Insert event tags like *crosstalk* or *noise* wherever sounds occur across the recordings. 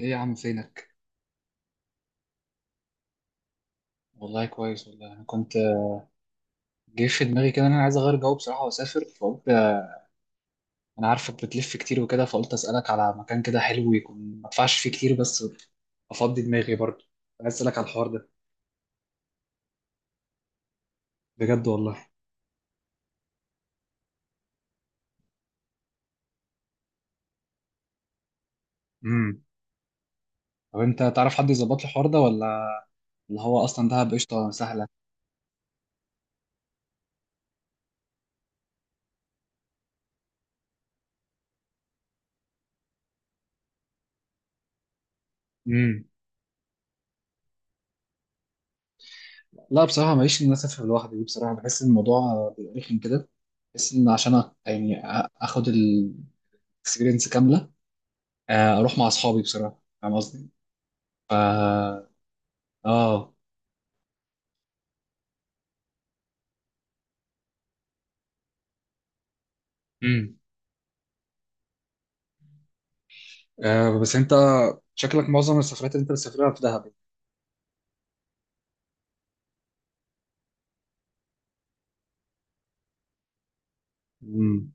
ايه يا عم فينك؟ والله كويس، والله انا كنت جه في دماغي كده ان انا عايز اغير جو بصراحه واسافر، فقلت انا عارفك بتلف كتير وكده، فقلت اسالك على مكان كده حلو يكون ما ادفعش فيه كتير بس افضي دماغي برضه. عايز اسالك على الحوار ده. بجد والله. امم. طب انت تعرف حد يظبط لي الحوار ده ولا؟ اللي هو اصلا دهب قشطه سهله. امم. لا بصراحه ماليش ان انا اسافر لوحدي دي، بصراحه بحس ان الموضوع بيبقى رخم كده. بحس ان عشان يعني اخد الاكسبيرينس كامله. آه، اروح مع اصحابي بصراحه، فاهم قصدي. اه. آه. امم. آه، بس انت شكلك معظم السفرات اللي انت بتسافرها في دهب. امم.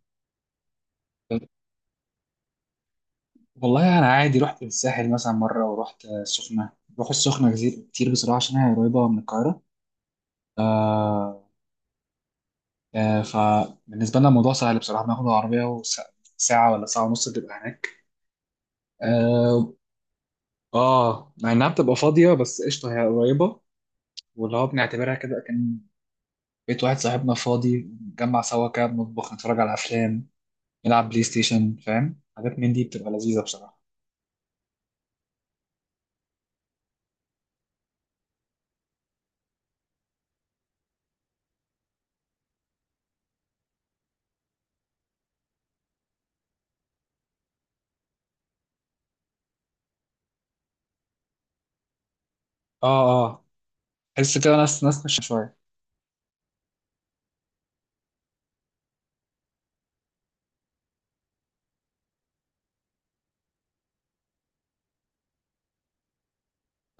والله انا عادي رحت الساحل مثلا مره، ورحت السخنه، بروح السخنه كتير كتير بصراحه عشان هي قريبه من القاهره. آه. آه، فبالنسبه لنا الموضوع سهل بصراحه، بناخد العربيه وساعه ولا ساعه ونص بتبقى هناك. اه. آه، مع انها بتبقى فاضيه بس قشطه هي قريبه. واللي هو بنعتبرها كده، كان بيت واحد صاحبنا فاضي، نجمع سوا كده، بنطبخ، نتفرج على افلام، نلعب بلاي ستيشن، فاهم حاجات من دي بتبقى لذيذة بصراحة. اه، اه. تحس كده ناس ناس، خش شوية.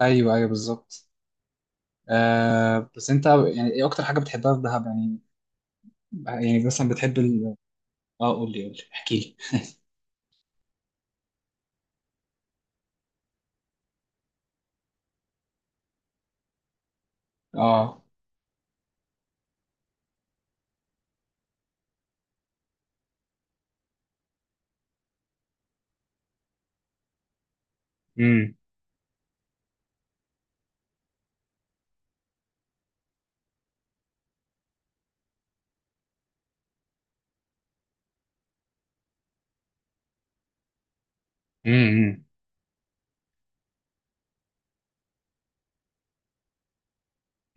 ايوه، ايوه بالظبط. آه، بس انت يعني ايه اكتر حاجة بتحبها في دهب يعني؟ يعني مثلا بتحب اه، قول لي، قول لي، احكي لي. اه. امم. امم،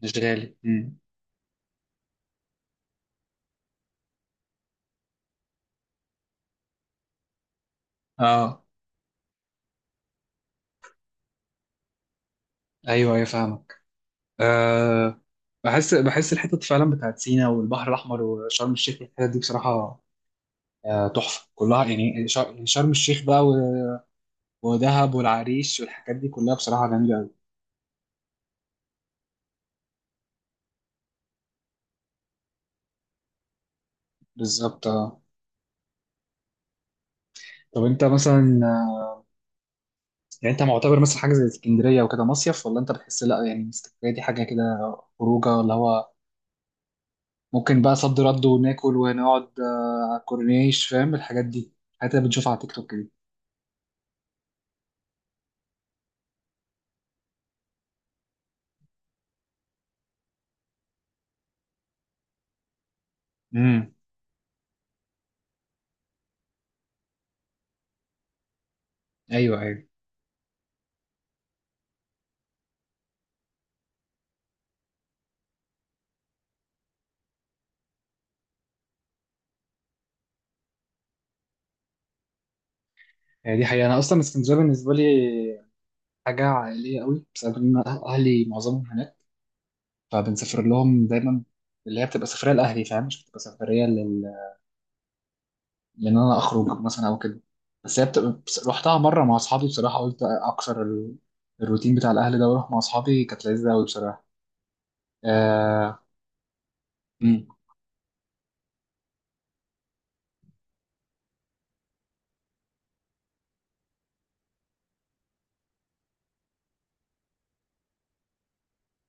مش غالي، امم. اه، ايوه ايوه فاهمك. آه. بحس بحس الحتت فعلا بتاعت سينا والبحر الاحمر وشرم الشيخ والحتت دي بصراحة، آه تحفة كلها. يعني يعني شرم الشيخ بقى ودهب والعريش والحاجات دي كلها بصراحة جميلة أوي. بالظبط، اه. طب أنت مثلا آه، يعني أنت معتبر مثلا حاجة زي اسكندرية وكده مصيف، ولا أنت بتحس لأ يعني اسكندرية دي حاجة كده، خروجة اللي هو ممكن بقى صد رد وناكل ونقعد على الكورنيش، فاهم الحاجات دي، الحاجات اللي بنشوفها على تيك توك كده. امم. ايوه، ايوه. هي دي حقيقة، أنا أصلا اسكندرية بالنسبة لي حاجة عائلية قوي بسبب إن أهلي معظمهم هناك، فبنسافر لهم دايما. اللي هي بتبقى سفرية لأهلي، فاهم، مش بتبقى سفرية لان انا اخرج مثلا او كده. بس هي بتبقى رحتها مره مع اصحابي بصراحه، قلت اكسر الروتين بتاع الاهل ده واروح مع اصحابي، كانت لذيذه قوي بصراحه. آه. أمم،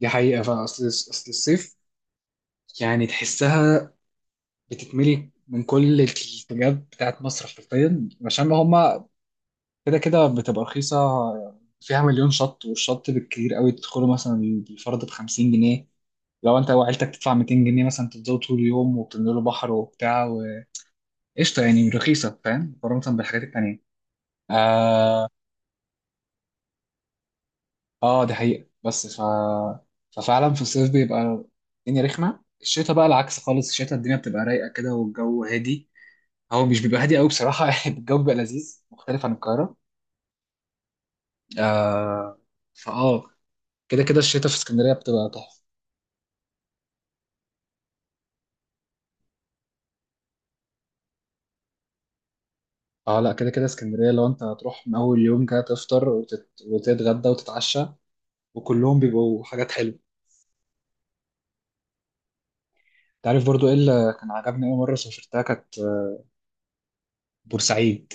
دي حقيقه فاصل اصل الصيف يعني تحسها بتتملي من كل الاتجاهات بتاعت مصر حرفيا عشان هما كده كده بتبقى رخيصه. فيها مليون شط، والشط بالكتير قوي تدخله مثلا بالفرد ب 50 جنيه. لو انت وعيلتك تدفع 200 جنيه مثلا تفضلوا طول اليوم، وبتنزلوا بحر وبتاع. قشطه يعني رخيصه، فاهم، مقارنه بالحاجات التانيه. اه. اه، دي حقيقه بس ففعلا في الصيف بيبقى الدنيا رخمه. الشتاء بقى العكس خالص، الشتاء الدنيا بتبقى رايقه كده والجو هادي. هو مش بيبقى هادي قوي بصراحه *laughs* الجو بيبقى لذيذ، مختلف عن القاهره. آه. فاه. كده كده الشتاء في اسكندريه بتبقى تحفه. اه، لا كده كده اسكندريه لو انت هتروح من اول يوم كده تفطر وتتغدى وتتعشى، وكلهم بيبقوا حاجات حلوه. تعرف برضو ايه اللي كان عجبني اول مره سافرتها، كانت بورسعيد.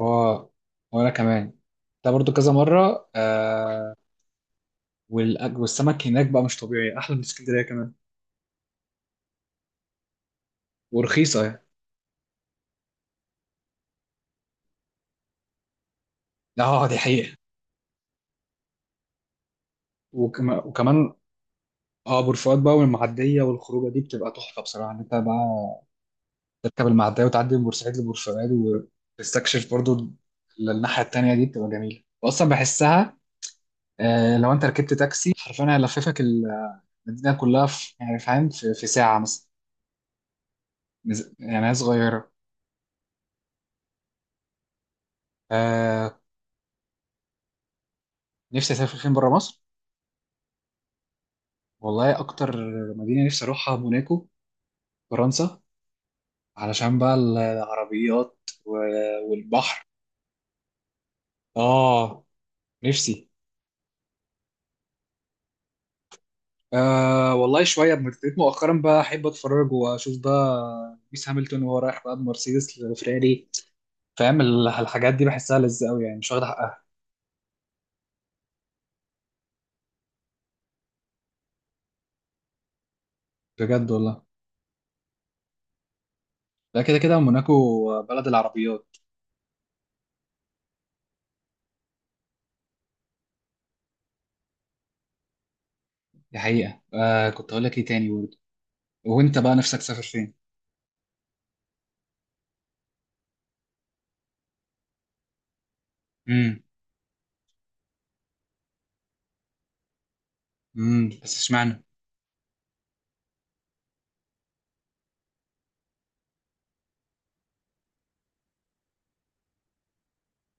هو وانا كمان ده برضو كذا مره. آه. والسمك هناك بقى مش طبيعي، احلى من اسكندريه كمان. ورخيصه يعني. لا، اه دي حقيقه. وكمان اه بورفؤاد بقى والمعديه والخروجه دي بتبقى تحفه بصراحه، ان انت بقى تركب المعديه وتعدي من بورسعيد لبورفؤاد وتستكشف برضو الناحيه التانيه، دي بتبقى جميله، واصلا بحسها. آه، لو انت ركبت تاكسي حرفيا هيلففك المدينه كلها في، يعني فاهم، في ساعه مثلا. يعني هي صغيره. آه. نفسي اسافر فين بره مصر؟ والله اكتر مدينه نفسي اروحها موناكو، فرنسا، علشان بقى العربيات والبحر. اه، نفسي. آه والله شويه ابتديت مؤخرا بقى احب اتفرج واشوف بقى لويس هامilton وهو رايح بقى بمرسيدس لفراري. فاهم الحاجات دي بحسها لذة قوي، يعني مش واخد حقها. بجد والله. لا كده كده موناكو بلد العربيات. دي حقيقه. آه، كنت هقول لك ايه تاني برضه؟ وانت بقى نفسك تسافر فين؟ امم. امم، بس اشمعنى؟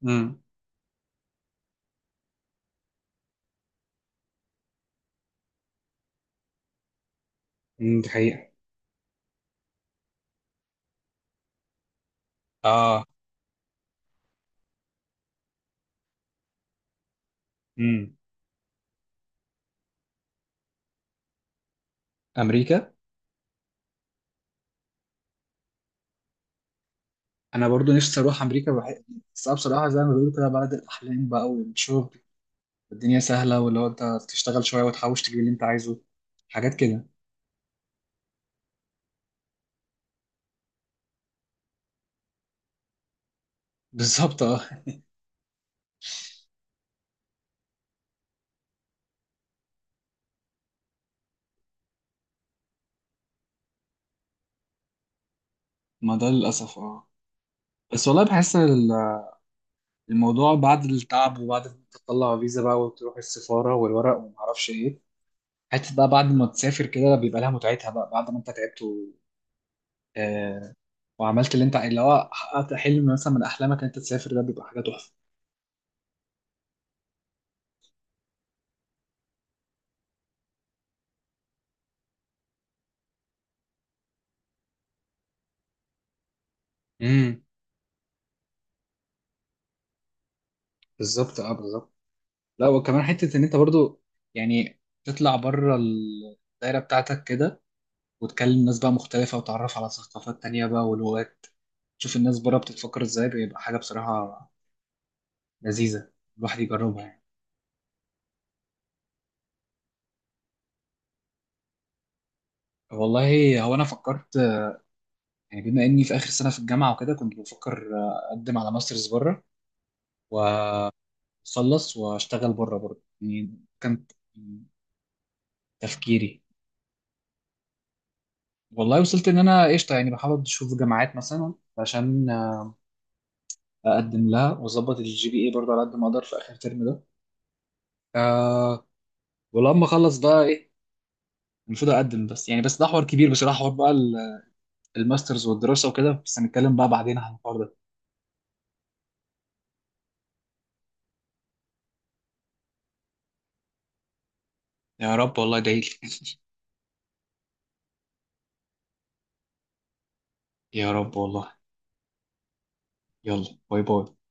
امم. أمم، دي حقيقه. اه. امم. امريكا. انا برضو نفسي اروح امريكا بس أنا بصراحه زي ما بيقولوا كده بلد الاحلام بقى، والشغل الدنيا سهله، واللي هو انت تشتغل شويه وتحوش تجيب اللي انت عايزه، حاجات كده. *laughs* بالظبط اه. ما ده للاسف اه. بس والله بحس الموضوع بعد التعب، وبعد ما تطلع فيزا بقى وتروح السفاره والورق وما اعرفش ايه، حتى بقى بعد ما تسافر كده بيبقى لها متعتها بقى، بعد ما انت تعبت آه... وعملت اللي هو حققت حلم مثلا من احلامك ان انت تسافر، ده بيبقى حاجه تحفه. امم. بالظبط، اه بالظبط. لا، وكمان حتة إن أنت برضو يعني تطلع بره الدايرة بتاعتك كده، وتكلم ناس بقى مختلفة، وتعرف على ثقافات تانية بقى ولغات، تشوف الناس بره بتتفكر إزاي، بيبقى حاجة بصراحة لذيذة، الواحد يجربها يعني. والله هو أنا فكرت، يعني بما إني في آخر سنة في الجامعة وكده كنت بفكر أقدم على ماسترز بره، وأخلص وأشتغل بره برضه، يعني كان تفكيري. والله وصلت إن أنا قشطة، يعني بحاول أشوف جامعات مثلا عشان اقدم لها، واظبط الجي بي اي برضه على قد ما اقدر في اخر ترم ده. آه. ولما اخلص بقى ايه المفروض اقدم، بس يعني بس ده حوار كبير بصراحه، حوار بقى الماسترز والدراسه وكده، بس هنتكلم بقى بعدين عن الحوار ده. يا رب والله، ادعي لي. *laughs* يا رب والله. يلا باي باي.